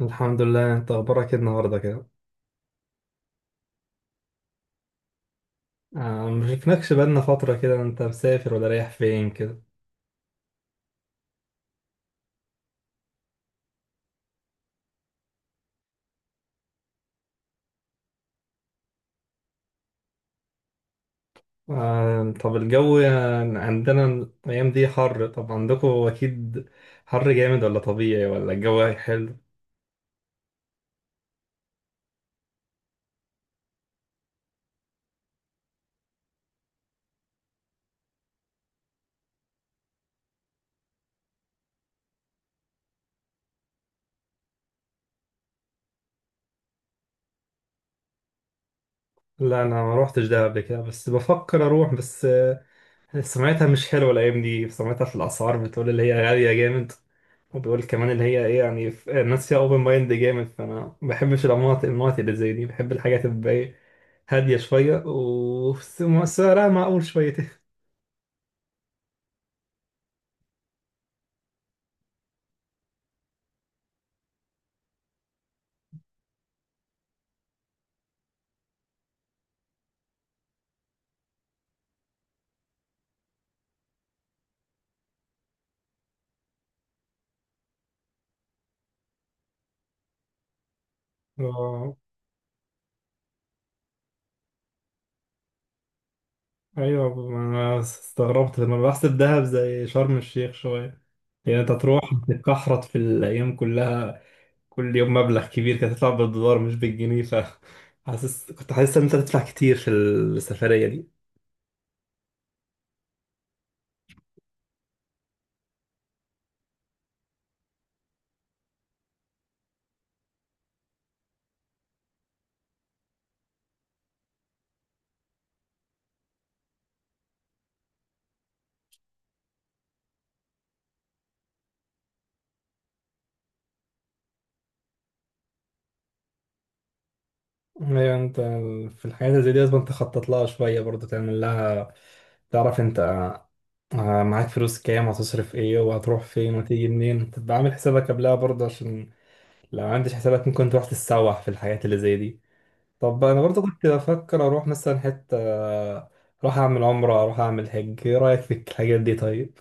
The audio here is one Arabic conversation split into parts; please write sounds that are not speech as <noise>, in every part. الحمد لله، انت اخبارك ايه النهارده كده؟ آه، مشفناكش بقالنا فتره كده، انت مسافر ولا رايح فين كده؟ آه، طب الجو يعني عندنا الايام دي حر، طب عندكم اكيد حر جامد ولا طبيعي ولا الجو حلو؟ لا، انا ما روحتش دهب قبل كده بس بفكر اروح. بس سمعتها مش حلوة الأيام دي، سمعتها في الأسعار بتقول اللي هي غالية جامد، وبيقول كمان اللي هي إيه يعني الناس فيها أوبن مايند جامد، فأنا ما بحبش المناطق اللي زي دي، بحب الحاجات اللي تبقى إيه، هادية شوية وسعرها معقول شويتين. <laughs> آه، أيوة ما أنا استغربت لما بحسب دهب زي شرم الشيخ شوية، يعني أنت تروح تتكحرط في الأيام كلها، كل يوم مبلغ كبير كانت تطلع بالدولار مش بالجنيه، ف حاسس كنت حاسس إن أنت تدفع كتير في السفرية دي. ايوه انت، في الحاجات اللي زي دي لازم تخطط لها شويه برضه، تعمل لها تعرف انت آه، معاك فلوس كام وهتصرف ايه وهتروح فين وتيجي منين، تبقى عامل حسابك قبلها برضه، عشان لو ما عملتش حسابك ممكن تروح تتسوح في الحاجات اللي زي دي. طب انا برضه كنت بفكر اروح مثلا حته آه، اروح اعمل عمره، اروح اعمل حج، ايه رايك في الحاجات دي طيب؟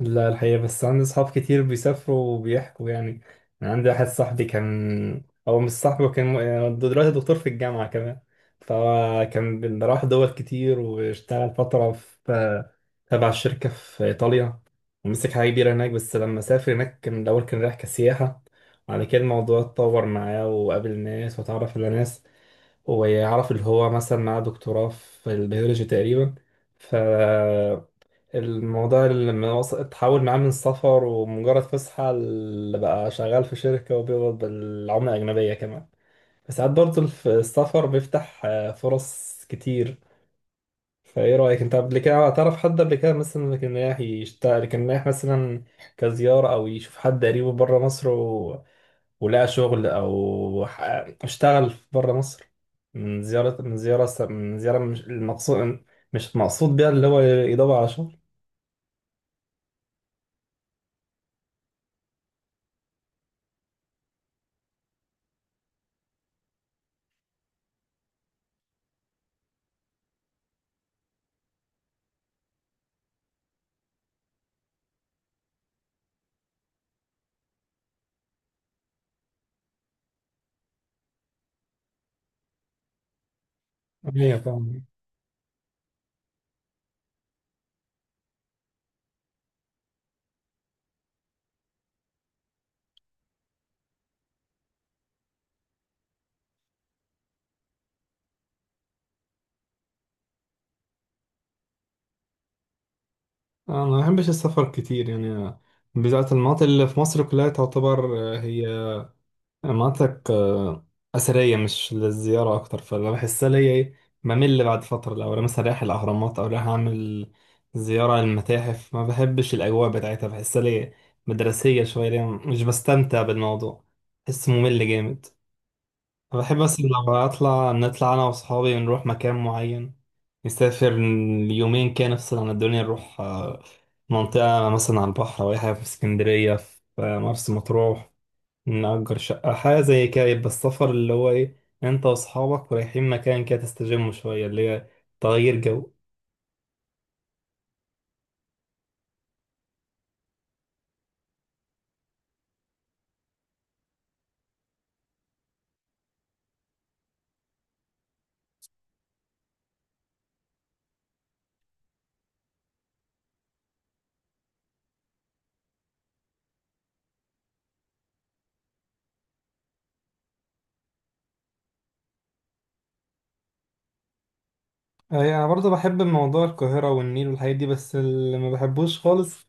لا الحقيقة، بس عندي أصحاب كتير بيسافروا وبيحكوا يعني. أنا عندي واحد صاحبي كان، هو مش صاحبي، هو كان يعني دلوقتي دكتور في الجامعة كمان، فهو كان راح دول كتير واشتغل فترة في تبع الشركة في إيطاليا، ومسك حاجة كبيرة هناك. بس لما سافر هناك كان الأول كان رايح كسياحة، وبعد كده الموضوع اتطور معاه وقابل ناس وتعرف على ناس، ويعرف اللي هو مثلا معاه دكتوراه في البيولوجي تقريبا. الموضوع اللي لما اتحول معاه من سفر ومجرد فسحة اللي بقى شغال في شركة وبيقبض بالعملة الأجنبية كمان، فساعات برضه السفر بيفتح آه، فرص كتير. فايه رأيك انت؟ قبل كده تعرف حد قبل كده مثلا كان رايح يشتغل، كان رايح مثلا كزيارة أو يشوف حد قريبه بره مصر، و... ولقى شغل أو اشتغل بره مصر؟ من زيارة، من زيارة، من زيارة، مش المقصود، مش المقصود بيها اللي هو يدور على شغل. ايوه فاهم. انا ما بحبش السفر كتير يعني، بالذات المناطق اللي في مصر كلها تعتبر آه، هي مناطق آه، اثريه مش للزياره اكتر، فانا بحسها ليا ايه، بمل بعد فتره. لو انا مثلا رايح الاهرامات او رايح اعمل زياره للمتاحف، ما بحبش الاجواء بتاعتها، بحسها ليا مدرسيه شويه، ليا مش بستمتع بالموضوع، بحس ممل جامد. فبحب بس لو اطلع، نطلع انا واصحابي نروح مكان معين، نسافر يومين كده نفصل عن الدنيا، نروح آه، منطقة مثلا على البحر أو أي حاجة في اسكندرية، في مرسى مطروح، نأجر شقة حاجة زي كده، يبقى السفر اللي هو إيه، أنت وأصحابك رايحين مكان كده تستجموا شوية، اللي هي تغيير جو. أي أنا برضه بحب موضوع القاهرة والنيل والحاجات دي، بس اللي ما بحبوش خالص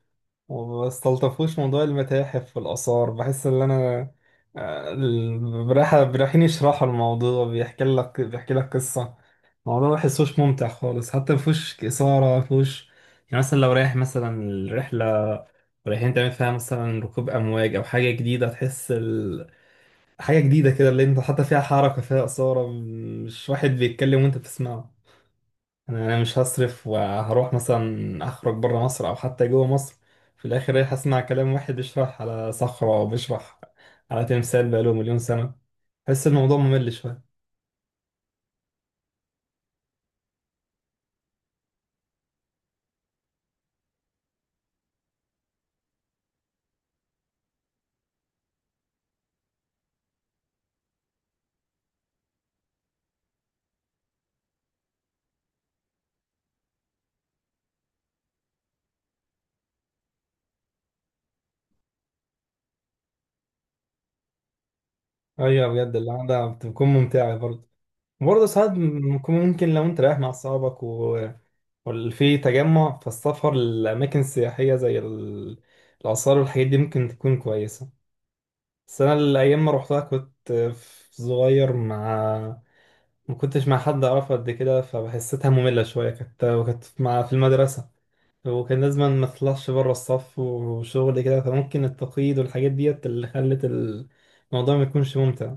وما استلطفوش موضوع المتاحف والآثار، بحس إن أنا براحة رايحين يشرحوا الموضوع، بيحكي لك بيحكي لك قصة، الموضوع ما بحسوش ممتع خالص، حتى مفهوش إثارة، مفهوش يعني. مثلا لو رايح مثلا الرحلة رايحين تعمل فيها مثلا ركوب أمواج أو حاجة جديدة، تحس ال... حاجة جديدة كده اللي أنت حتى فيها حركة، فيها إثارة، مش واحد بيتكلم وأنت بتسمعه. أنا مش هصرف وهروح مثلا اخرج بره مصر او حتى جوه مصر، في الاخر رايح اسمع كلام واحد بيشرح على صخرة او بيشرح على تمثال بقاله 1000000 سنة، بحس الموضوع ممل شوية. ايوه بجد القعدة بتكون ممتعة برضه. برضه ساعات ممكن، ممكن لو انت رايح مع اصحابك، و... وفي تجمع، فالسفر للاماكن السياحية زي الاثار والحاجات دي ممكن تكون كويسة. بس انا الايام ما روحتها كنت في صغير، مع ما كنتش مع حد اعرفه قد كده، فحسيتها مملة شوية كانت، وكانت مع في المدرسة، وكان لازم ما تطلعش بره الصف وشغل كده، فممكن التقييد والحاجات ديت اللي خلت الموضوع ما يكونش ممتع.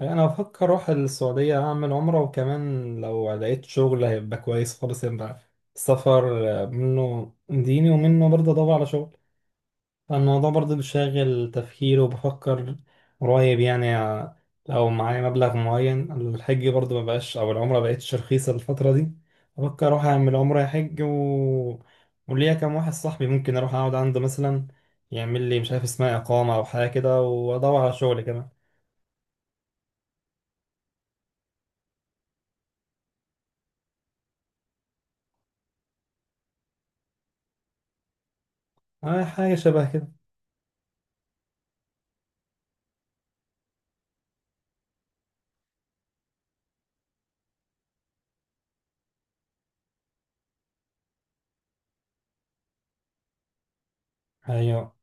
انا بفكر اروح السعودية اعمل عمرة، وكمان لو لقيت شغل هيبقى كويس خالص، يبقى السفر منه ديني ومنه برضه ادور على شغل. الموضوع برضه بيشغل تفكيري وبفكر قريب يعني لو معايا مبلغ معين. الحج برضه مبقاش أو العمرة مبقتش رخيصة الفترة دي، بفكر أروح أعمل عمرة حج، و... وليا كام واحد صاحبي ممكن أروح أقعد عنده مثلا، يعمل لي مش عارف اسمها إقامة أو حاجة كده، وأدور على شغل كمان. آه، حاجة شبه كده. أيوه.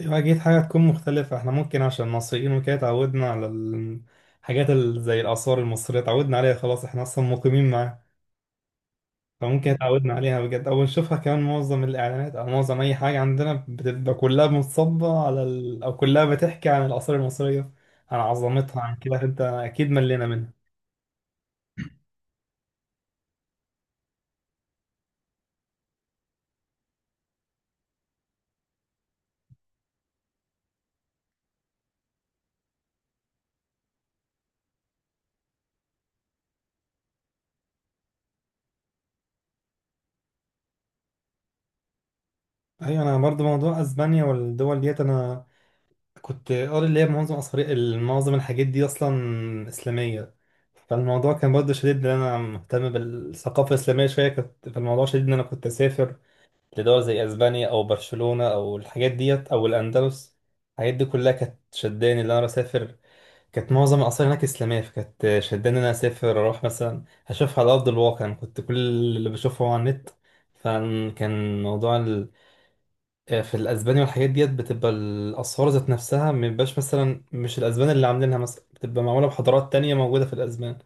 أيوة أكيد حاجة تكون مختلفة، احنا ممكن عشان مصريين وكده اتعودنا على الحاجات زي الآثار المصرية، اتعودنا عليها خلاص، احنا أصلا مقيمين معاها، فممكن اتعودنا عليها بجد. او نشوفها كمان معظم الاعلانات او معظم اي حاجه عندنا بتبقى كلها متصبه على ال... او كلها بتحكي عن الاثار المصريه، عن عظمتها عن كده، انت اكيد ملينا منها. ايوه انا برضو موضوع اسبانيا والدول ديت، انا كنت قاري اللي هي معظم اثار، معظم الحاجات دي اصلا اسلاميه، فالموضوع كان برضو شديد ان انا مهتم بالثقافه الاسلاميه شويه، كنت فالموضوع شديد ان انا كنت اسافر لدول زي اسبانيا او برشلونه او الحاجات ديت او الاندلس، الحاجات دي كلها كانت شداني ان انا اسافر. كانت معظم الاثار هناك اسلاميه، فكانت شداني ان انا اسافر اروح مثلا اشوفها على ارض الواقع، انا كنت كل اللي بشوفه هو على النت. فكان موضوع ال... في الاسباني والحاجات ديت بتبقى الاسعار ذات نفسها، مبيبقاش مثلا مش الاسبان اللي عاملينها، مثلا بتبقى معموله بحضارات تانية موجوده في الاسبان،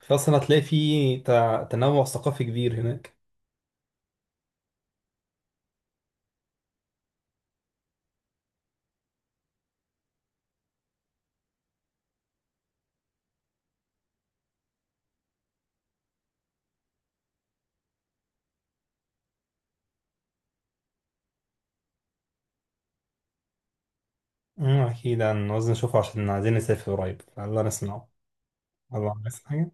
فاصلا هتلاقي في تنوع ثقافي كبير هناك. أمم، أكيد هنعوز نشوفه عشان عايزين نسافر قريب، الله نسمعه، الله نسمع.